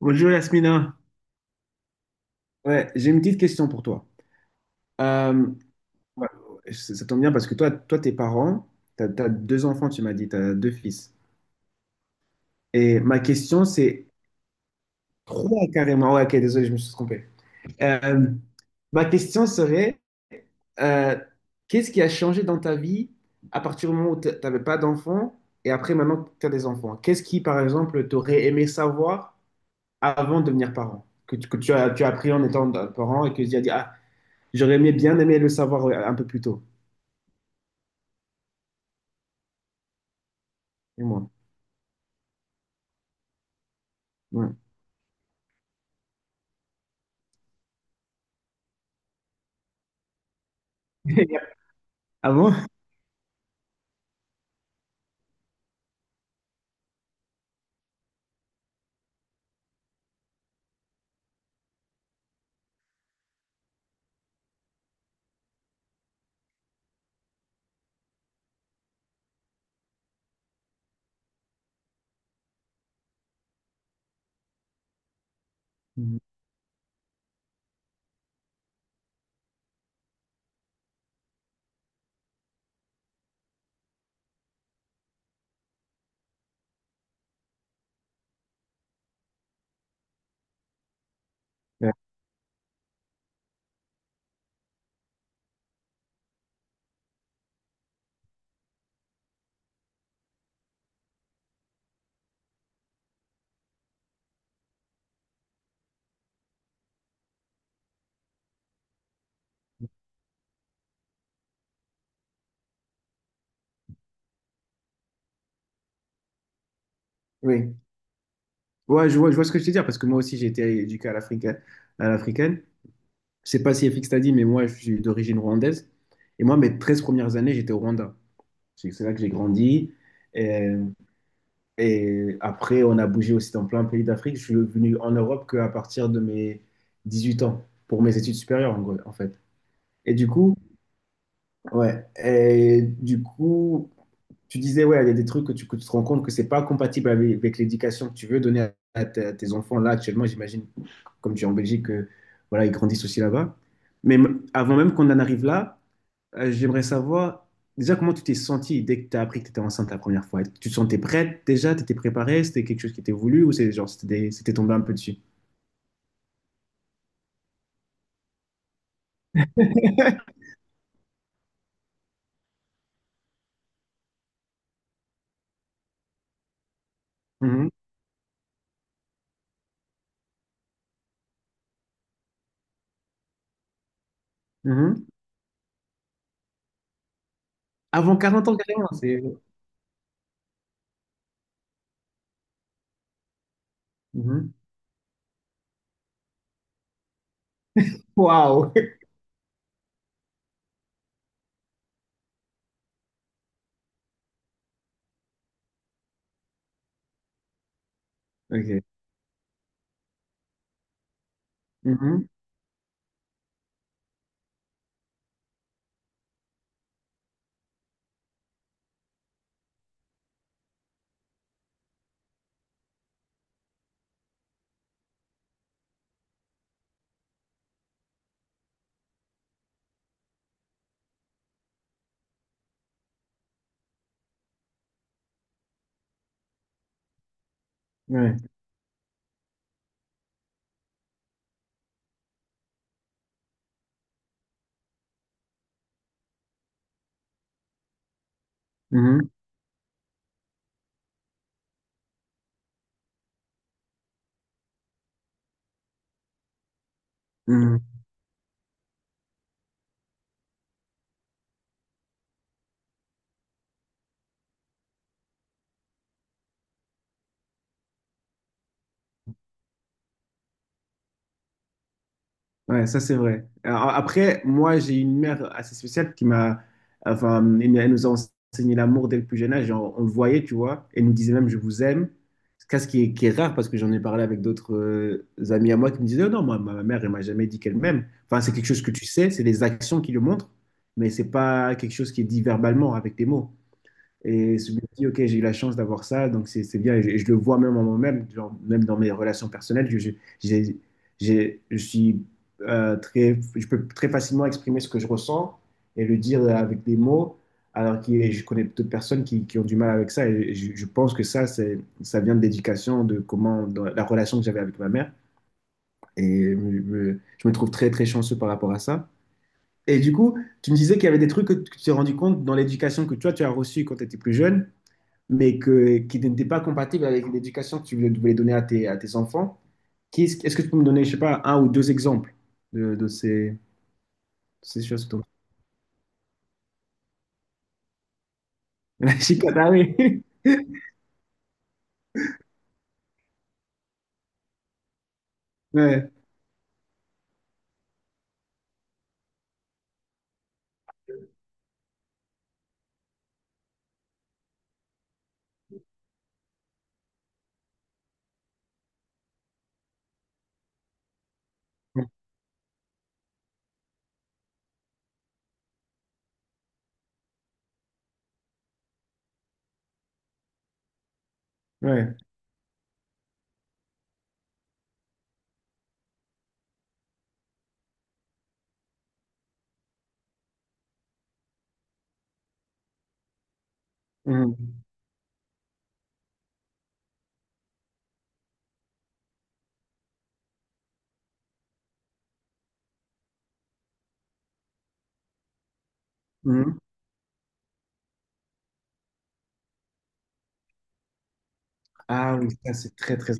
Bonjour Yasmina. Ouais, j'ai une petite question pour toi. Euh, ouais, ça tombe bien parce que toi, tes parents, t'as deux enfants, tu m'as dit, t'as deux fils. Et ma question, c'est trois carrément. Ouais, ok, désolé, je me suis trompé. Euh, ma question serait, euh, qu'est-ce qui a changé dans ta vie à partir du moment où t'avais pas d'enfants et après maintenant que t'as des enfants? Qu'est-ce qui, par exemple, t'aurais aimé savoir avant de devenir parent? Que tu as appris en étant parent et que tu as dit, ah, J'aurais bien aimé le savoir un peu plus tôt. Et moi. Ouais. Ah bon? Mhm. Ouais. Oui. Ouais, je vois ce que je veux dire parce que moi aussi j'ai été éduqué à l'africaine. À l'africaine. Je sais pas si FX t'a dit, mais moi je suis d'origine rwandaise. Et moi, mes 13 premières années, j'étais au Rwanda. C'est là que j'ai grandi. Et, et après, on a bougé aussi dans plein de pays d'Afrique. Je suis venu en Europe qu'à partir de mes 18 ans pour mes études supérieures, en gros, en fait. Et du coup, ouais. Et du coup, tu disais, ouais, il y a des trucs que tu te rends compte que c'est pas compatible avec l'éducation que tu veux donner à tes enfants là actuellement. J'imagine, comme tu es en Belgique, que, voilà, ils grandissent aussi là-bas. Mais avant même qu'on en arrive là, j'aimerais savoir déjà comment tu t'es sentie dès que tu as appris que tu étais enceinte la première fois. Tu te sentais prête déjà? Tu étais préparée? C'était quelque chose qui était voulu ou c'est genre, c'était tombé un peu dessus? Mhm, mhm. Avant 40 ans, carrément, c'est. Mhm. Waouh! Ok. Mhm, ouais. Mhm, mhm. Ouais, ça c'est vrai. Après, moi j'ai une mère assez spéciale qui m'a, enfin, elle nous a enseigné l'amour dès le plus jeune âge. On le voyait, tu vois. Elle nous disait même je vous aime. C'est ce qui est rare parce que j'en ai parlé avec d'autres amis à moi qui me disaient, oh non, moi, ma mère elle m'a jamais dit qu'elle m'aime. Enfin, c'est quelque chose que tu sais, c'est les actions qui le montrent, mais c'est pas quelque chose qui est dit verbalement avec tes mots. Et je me dis, ok, j'ai eu la chance d'avoir ça, donc c'est bien. Et je le vois même en moi-même, genre, même dans mes relations personnelles, j'ai- j'ai- je suis je peux très facilement exprimer ce que je ressens et le dire avec des mots, alors que je connais d'autres personnes qui ont du mal avec ça. Et je pense que ça vient de l'éducation, de comment, de la relation que j'avais avec ma mère. Et je me trouve très, très chanceux par rapport à ça. Et du coup, tu me disais qu'il y avait des trucs que tu t'es rendu compte dans l'éducation que toi, tu as reçue quand tu étais plus jeune mais qui n'était pas compatible avec l'éducation que tu voulais donner à tes, enfants. Quest ce est-ce que tu peux me donner, je sais pas, un ou deux exemples de ces choses dont... La chicane, ah oui. Ouais, ouais. Mhm. Mhm. Ah oui, ça c'est très très...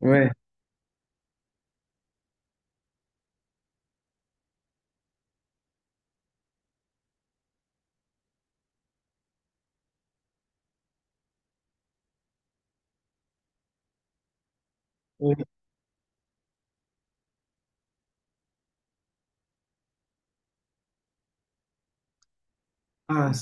Ouais. Ouais. Ah,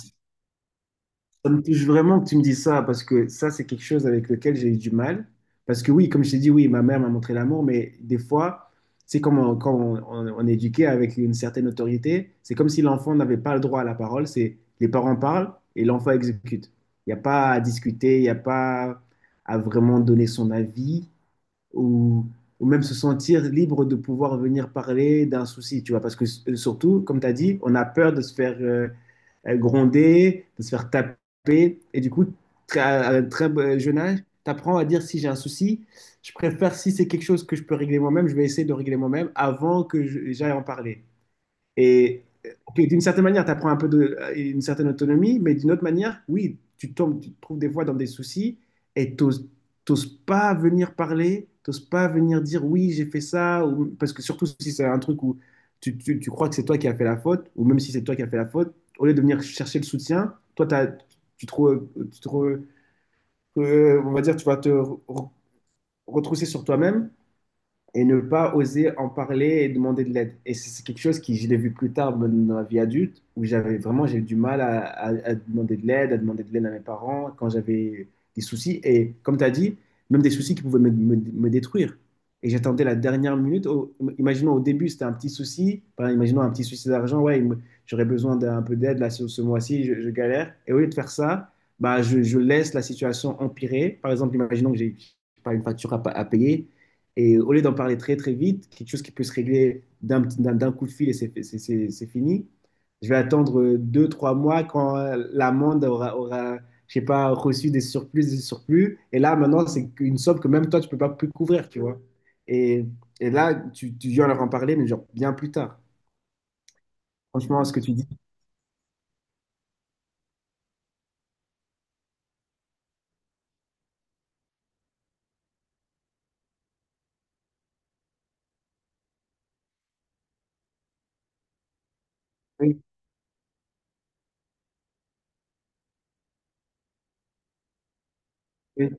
ça me touche vraiment que tu me dises ça, parce que ça, c'est quelque chose avec lequel j'ai eu du mal. Parce que oui, comme je t'ai dit, oui, ma mère m'a montré l'amour, mais des fois, c'est comme quand on est éduqué avec une certaine autorité, c'est comme si l'enfant n'avait pas le droit à la parole, c'est les parents parlent et l'enfant exécute. Il n'y a pas à discuter, il n'y a pas à vraiment donner son avis ou, ou même se sentir libre de pouvoir venir parler d'un souci, tu vois. Parce que surtout, comme tu as dit, on a peur de se faire gronder, de se faire taper. Et du coup, à un très jeune âge, tu apprends à dire si j'ai un souci, je préfère si c'est quelque chose que je peux régler moi-même, je vais essayer de régler moi-même avant que j'aille en parler. Et puis, d'une certaine manière, tu apprends un peu de, une certaine autonomie, mais d'une autre manière, oui, tu tombes, tu te trouves des fois dans des soucis et t'oses pas venir parler, t'oses pas venir dire oui, j'ai fait ça, ou, parce que surtout si c'est un truc où tu crois que c'est toi qui as fait la faute, ou même si c'est toi qui as fait la faute, au lieu de venir chercher le soutien, toi, tu te, re- tu te re- on va dire, tu vas te retrousser sur toi-même et ne pas oser en parler et demander de l'aide. Et c'est quelque chose qui, je l'ai vu plus tard même dans la vie adulte, où j'avais vraiment, j'ai eu du mal à demander de l'aide, à demander de l'aide à mes parents quand j'avais des soucis. Et comme tu as dit, même des soucis qui pouvaient me détruire. Et j'attendais la dernière minute. Imaginons au début, c'était un petit souci. Par exemple, imaginons un petit souci d'argent. Ouais, j'aurais besoin d'un peu d'aide là ce mois-ci, je galère. Et au lieu de faire ça, bah, je laisse la situation empirer. Par exemple, imaginons que j'ai pas une facture à payer et au lieu d'en parler très très vite, quelque chose qui peut se régler d'un coup de fil et c'est fini, je vais attendre deux, trois mois quand l'amende aura, je sais pas, reçu des surplus, des surplus. Et là, maintenant, c'est une somme que même toi, tu peux pas plus couvrir, tu vois. Et, et là, tu viens leur en parler, mais genre bien plus tard. Franchement, ce que tu dis. Oui, oui,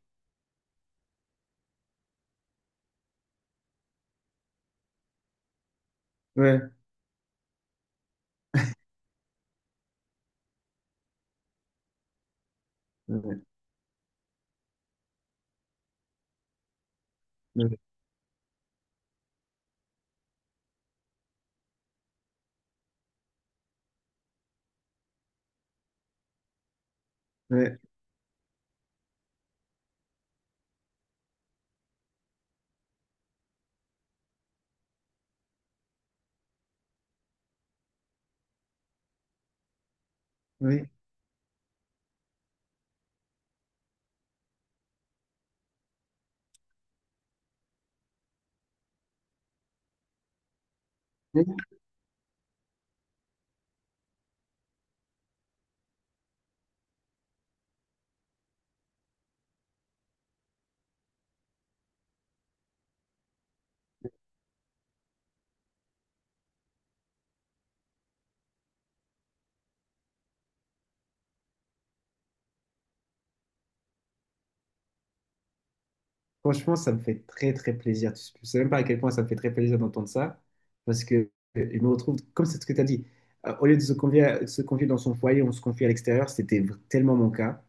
ouais, ouais, ouais, ouais. Oui. Oui. Franchement, ça me fait très très plaisir. Tu ne sais même pas à quel point ça me fait très plaisir d'entendre ça, parce que je me retrouve, comme c'est ce que tu as dit, au lieu de se confier, se confier dans son foyer, on se confie à l'extérieur, c'était tellement mon cas.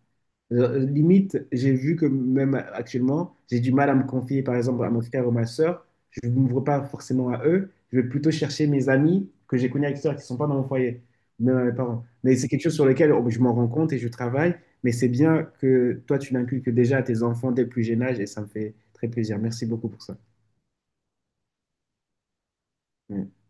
Limite, j'ai vu que même actuellement, j'ai du mal à me confier, par exemple, à mon frère ou ma soeur. Je ne m'ouvre pas forcément à eux. Je vais plutôt chercher mes amis que j'ai connus à l'extérieur qui ne sont pas dans mon foyer, même à mes parents. Mais c'est quelque chose sur lequel oh, je m'en rends compte et je travaille. Mais c'est bien que toi, tu l'inculques déjà à tes enfants dès le plus jeune âge et ça me fait très plaisir. Merci beaucoup pour ça. Mm.